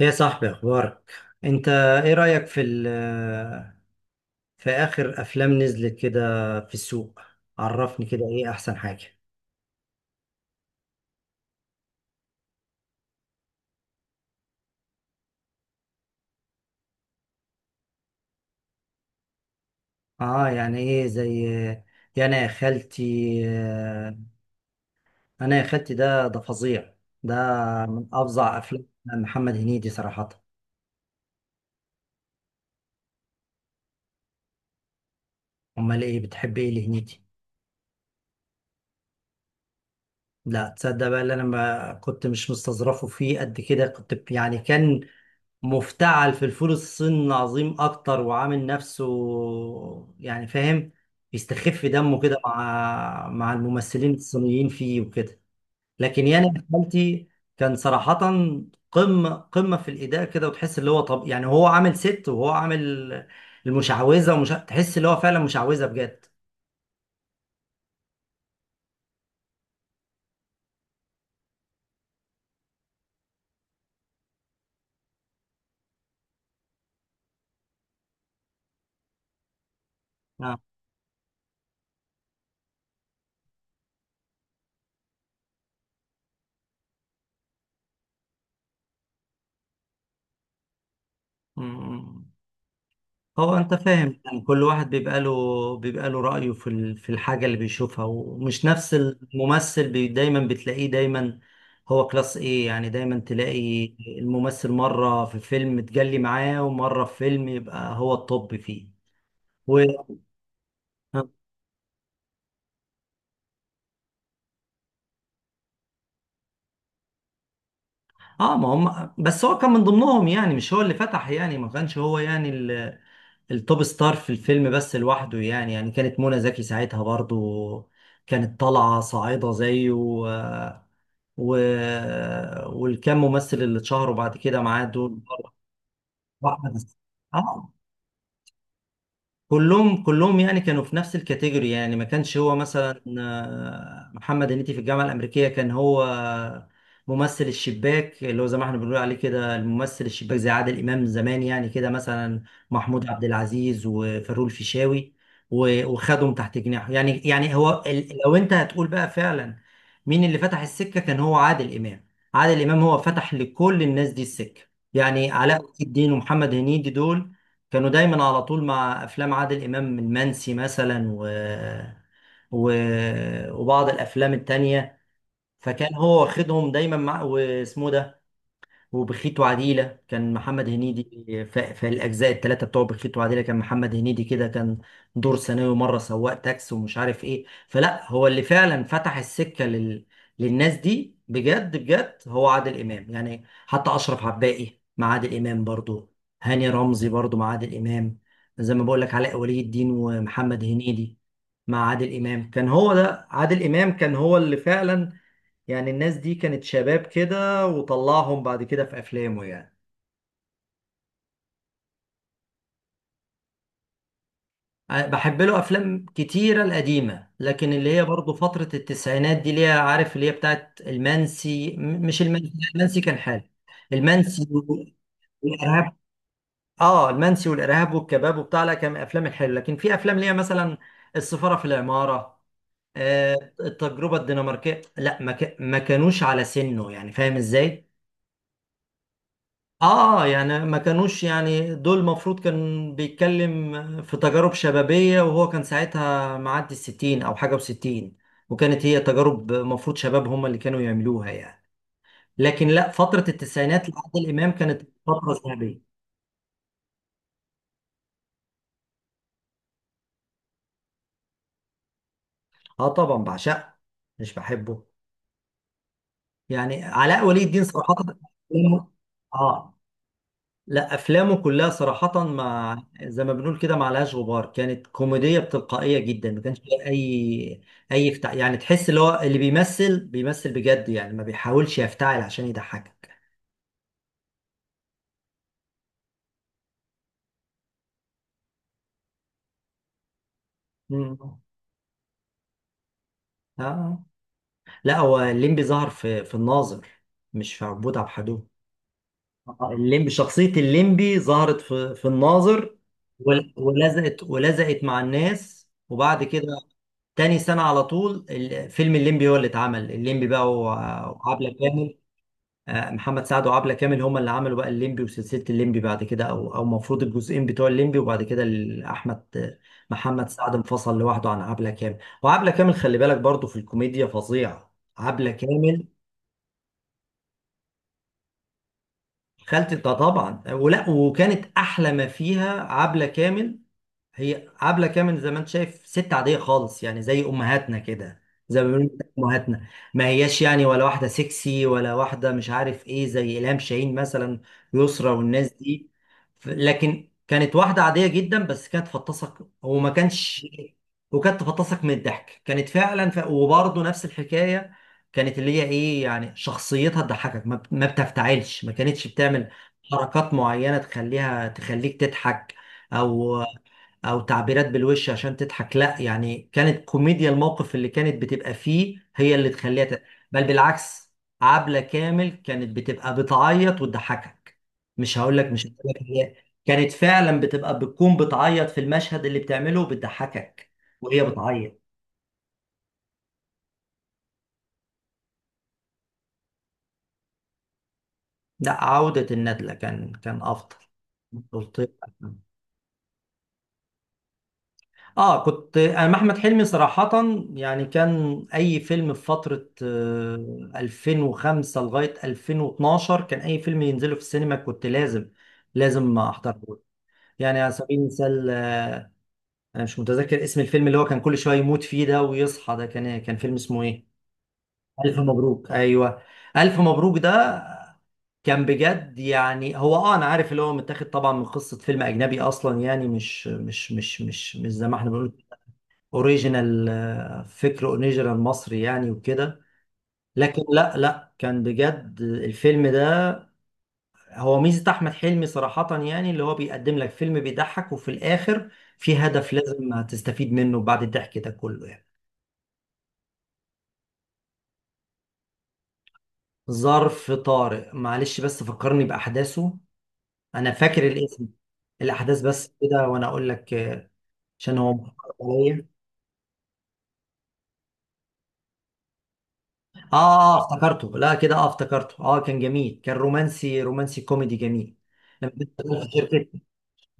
يا صاحبي اخبارك؟ انت، ايه رأيك في اخر افلام نزلت كده في السوق؟ عرفني كده ايه احسن حاجة؟ اه يعني ايه؟ زي يا انا يا خالتي. آه، انا يا خالتي ده فظيع. ده من افظع افلام محمد هنيدي صراحة. امال ايه بتحب ايه لهنيدي؟ لا تصدق بقى، اللي انا ما كنت مش مستظرفه فيه قد كده. كنت يعني كان مفتعل في الفول الصيني العظيم اكتر، وعامل نفسه يعني فاهم، بيستخف دمه كده مع الممثلين الصينيين فيه وكده. لكن يعني ابن خالتي كان صراحة قمة قمة في الأداء كده. وتحس اللي هو طب، يعني هو عامل ست وهو عامل المشعوذة، ومش تحس اللي هو فعلا مشعوذة بجد. آه. م- م. هو انت فاهم يعني كل واحد بيبقى له رأيه في الحاجة اللي بيشوفها. ومش نفس الممثل بي دايما بتلاقيه دايما. هو كلاس ايه، يعني دايما تلاقي الممثل مرة في فيلم تجلي معاه، ومرة في فيلم يبقى هو الطب فيه و... اه، ما هم بس هو كان من ضمنهم يعني، مش هو اللي فتح يعني، ما كانش هو يعني التوب ستار في الفيلم بس لوحده، يعني كانت منى زكي ساعتها برضو كانت طالعة صاعدة زيه و... والكام ممثل اللي اتشهروا بعد كده معاه دول برضه. واحمد الس- اه كلهم يعني كانوا في نفس الكاتيجوري، يعني ما كانش هو مثلا محمد هنيدي في الجامعة الأمريكية كان هو ممثل الشباك، اللي هو زي ما احنا بنقول عليه كده الممثل الشباك زي عادل إمام زمان، يعني كده مثلا محمود عبد العزيز وفاروق الفيشاوي وخدهم تحت جناحه، يعني هو لو أنت هتقول بقى فعلا مين اللي فتح السكة، كان هو عادل إمام. عادل إمام هو فتح لكل الناس دي السكة، يعني علاء ولي الدين ومحمد هنيدي دول كانوا دايما على طول مع افلام عادل امام، المنسي مثلا و... وبعض الافلام التانية. فكان هو واخدهم دايما مع واسمه ده. وبخيت وعديلة كان محمد هنيدي، في الأجزاء الثلاثة بتوع بخيت وعديلة كان محمد هنيدي كده كان دور ثانوي، مرة سواق تاكس ومش عارف إيه. فلا هو اللي فعلا فتح السكة للناس دي بجد بجد، هو عادل إمام. يعني حتى أشرف عباقي مع عادل إمام برضو، هاني رمزي برضو مع عادل إمام، زي ما بقول لك علاء ولي الدين ومحمد هنيدي مع عادل إمام. كان هو ده عادل إمام كان هو اللي فعلا يعني الناس دي كانت شباب كده، وطلعهم بعد كده في افلامه يعني. بحب له افلام كتيره القديمه، لكن اللي هي برضه فتره التسعينات دي، اللي هي عارف اللي هي بتاعت المنسي، مش المنسي، لا، المنسي كان حال. المنسي والارهاب، اه المنسي والارهاب والكباب وبتاع، لا كان من الافلام الحلوه. لكن في افلام اللي هي مثلا السفاره في العماره، آه التجربه الدنماركيه، لا، ما كانوش على سنه يعني فاهم ازاي. اه يعني ما كانوش يعني، دول المفروض كان بيتكلم في تجارب شبابية، وهو كان ساعتها معدي الستين او حاجة وستين، وكانت هي تجارب مفروض شباب هم اللي كانوا يعملوها يعني. لكن لا، فترة التسعينات لعادل امام كانت فترة ذهبية. اه طبعا بعشقه، مش بحبه يعني علاء ولي الدين صراحة. اه لا، افلامه كلها صراحه مع مم. زي ما بنقول كده ما لهاش غبار، كانت كوميديه بتلقائيه جدا، ما كانش فيها يعني تحس اللي هو اللي بيمثل بجد يعني ما بيحاولش يفتعل عشان يضحكك. مم. آه. لا هو الليمبي ظهر في الناظر، مش في عبود عبد الحليم. الليمبي، شخصيه الليمبي ظهرت في الناظر، ولزقت مع الناس. وبعد كده تاني سنة على طول فيلم الليمبي هو اللي اتعمل الليمبي بقى وعبلة كامل. محمد سعد وعبلة كامل هما اللي عملوا بقى الليمبي وسلسلة الليمبي بعد كده، او المفروض الجزئين بتوع الليمبي. وبعد كده ال- احمد محمد سعد انفصل لوحده عن عبلة كامل، وعبلة كامل خلي بالك برضو في الكوميديا، فظيعة عبلة كامل. خالتي ده طبعا، ولا وكانت احلى ما فيها عبلة كامل. هي عبلة كامل زي ما انت شايف ست عادية خالص، يعني زي امهاتنا كده زي ما بيقولوا امهاتنا، ما هياش يعني ولا واحدة سكسي ولا واحدة مش عارف ايه زي إلهام شاهين مثلا، يسرا والناس دي. لكن كانت واحدة عادية جدا بس كانت فطسك، وما كانش وكانت تفطسك من الضحك، كانت فعلا وبرضه نفس الحكاية. كانت اللي هي ايه يعني شخصيتها تضحكك، ما بتفتعلش، ما كانتش بتعمل حركات معينة تخليها تخليك تضحك، او او تعبيرات بالوش عشان تضحك. لا يعني كانت كوميديا الموقف اللي كانت بتبقى فيه هي اللي تخليها بل بالعكس، عبلة كامل كانت بتبقى بتعيط وتضحكك. مش هقول لك هي كانت فعلا بتبقى بتعيط في المشهد اللي بتعمله بتضحكك وهي بتعيط. لا عودة الندلة كان افضل. قلت لك. اه كنت انا مع احمد حلمي صراحة، يعني كان اي فيلم في فترة 2005 لغاية 2012 كان اي فيلم ينزله في السينما كنت لازم لازم احضره. يعني على سبيل المثال انا مش متذكر اسم الفيلم، اللي هو كان كل شوية يموت فيه ده ويصحى ده، كان إيه؟ كان فيلم اسمه ايه؟ ألف مبروك! ايوه، ألف مبروك ده كان بجد يعني. هو اه انا عارف اللي هو متاخد طبعا من قصة فيلم اجنبي اصلا يعني، مش زي ما احنا بنقول اوريجينال، فكر اوريجينال مصري يعني وكده. لكن لا، لا، كان بجد الفيلم ده. هو ميزة احمد حلمي صراحة، يعني اللي هو بيقدم لك فيلم بيضحك، وفي الاخر في هدف لازم تستفيد منه بعد الضحك ده كله يعني. ظرف طارق، معلش بس فكرني باحداثه. انا فاكر الاسم، الاحداث بس كده وانا اقول لك. عشان هو مفكر عليا. اه، افتكرته، لا كده، اه، افتكرته. اه كان جميل، كان رومانسي، رومانسي كوميدي جميل. لما كنت شغال في شركة،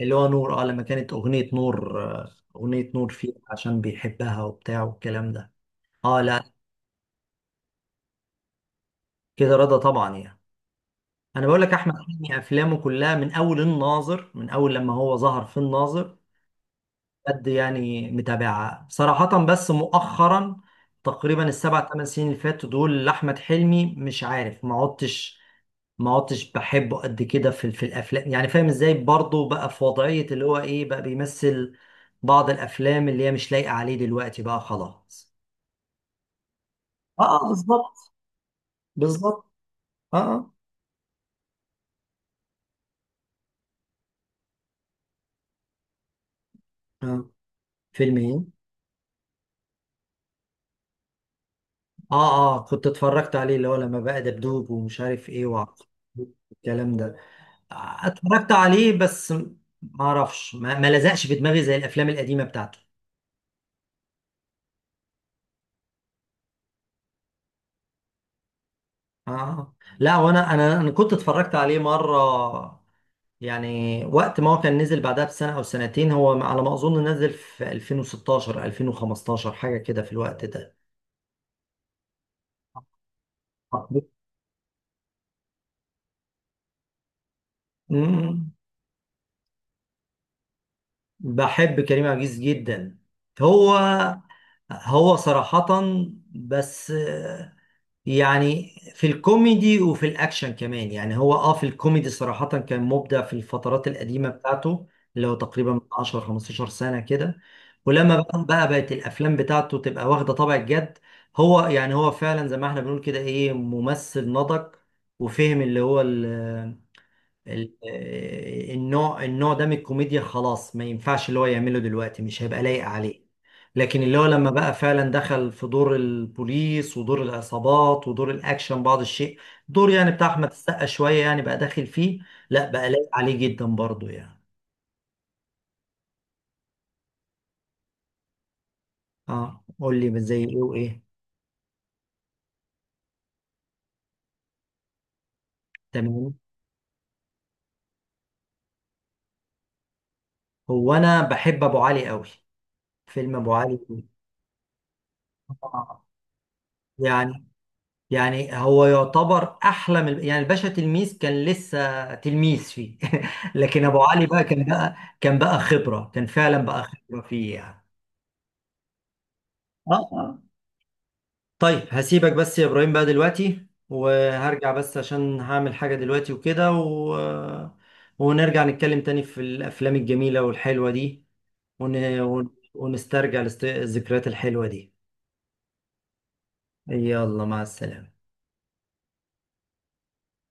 اللي هو نور، اه لما كانت اغنية نور اغنية نور فيها عشان بيحبها وبتاع والكلام ده. اه، لا. كده رضا طبعا يعني. انا بقول لك احمد حلمي افلامه كلها من اول الناظر، من اول لما هو ظهر في الناظر، قد يعني متابعة صراحة. بس مؤخرا تقريبا السبع ثمان سنين اللي فاتوا دول لاحمد حلمي مش عارف ما عدتش بحبه قد كده في الافلام، يعني فاهم ازاي، برضه بقى في وضعية اللي هو ايه، بقى بيمثل بعض الافلام اللي هي مش لايقة عليه دلوقتي بقى خلاص. اه، بالظبط، بالظبط. اه، اه. آه. فيلم ايه؟ اه اه، كنت اتفرجت عليه، اللي هو لما بقى دبدوب ومش عارف ايه وعقرب الكلام ده. اتفرجت عليه بس ما اعرفش، ما لزقش في دماغي زي الافلام القديمة بتاعته. اه، لا، وانا انا انا كنت اتفرجت عليه مرة، يعني وقت ما هو كان نزل بعدها بسنة أو سنتين، هو على ما أظن نزل في 2016 2015 حاجة كده في الوقت ده. مم. بحب كريم عبد العزيز جدا. هو هو صراحة بس، يعني في الكوميدي وفي الاكشن كمان، يعني هو اه في الكوميدي صراحة كان مبدع في الفترات القديمة بتاعته، اللي هو تقريبا من 10 15 سنة كده. ولما بقى بقت الافلام بتاعته تبقى واخدة طابع الجد. هو يعني هو فعلا زي ما احنا بنقول كده ايه، ممثل نضج وفهم اللي هو النوع ده من الكوميديا خلاص ما ينفعش اللي هو يعمله دلوقتي مش هيبقى لايق عليه. لكن اللي هو لما بقى فعلا دخل في دور البوليس ودور العصابات ودور الاكشن بعض الشيء، دور يعني بتاع احمد السقا شوية يعني بقى داخل فيه، لا بقى لايق عليه جدا برضو يعني. اه قول لي زي ايه وايه؟ تمام. هو انا بحب ابو علي قوي، فيلم ابو علي. آه. يعني يعني هو يعتبر احلى من، يعني الباشا تلميذ كان لسه تلميذ فيه. لكن ابو علي بقى كان بقى خبره، كان فعلا بقى خبره فيه يعني. اه، اه. طيب هسيبك بس يا ابراهيم بقى دلوقتي، وهرجع بس عشان هعمل حاجه دلوقتي وكده ونرجع نتكلم تاني في الافلام الجميله والحلوه دي ونسترجع الذكريات الحلوه دي. يلا مع السلامه.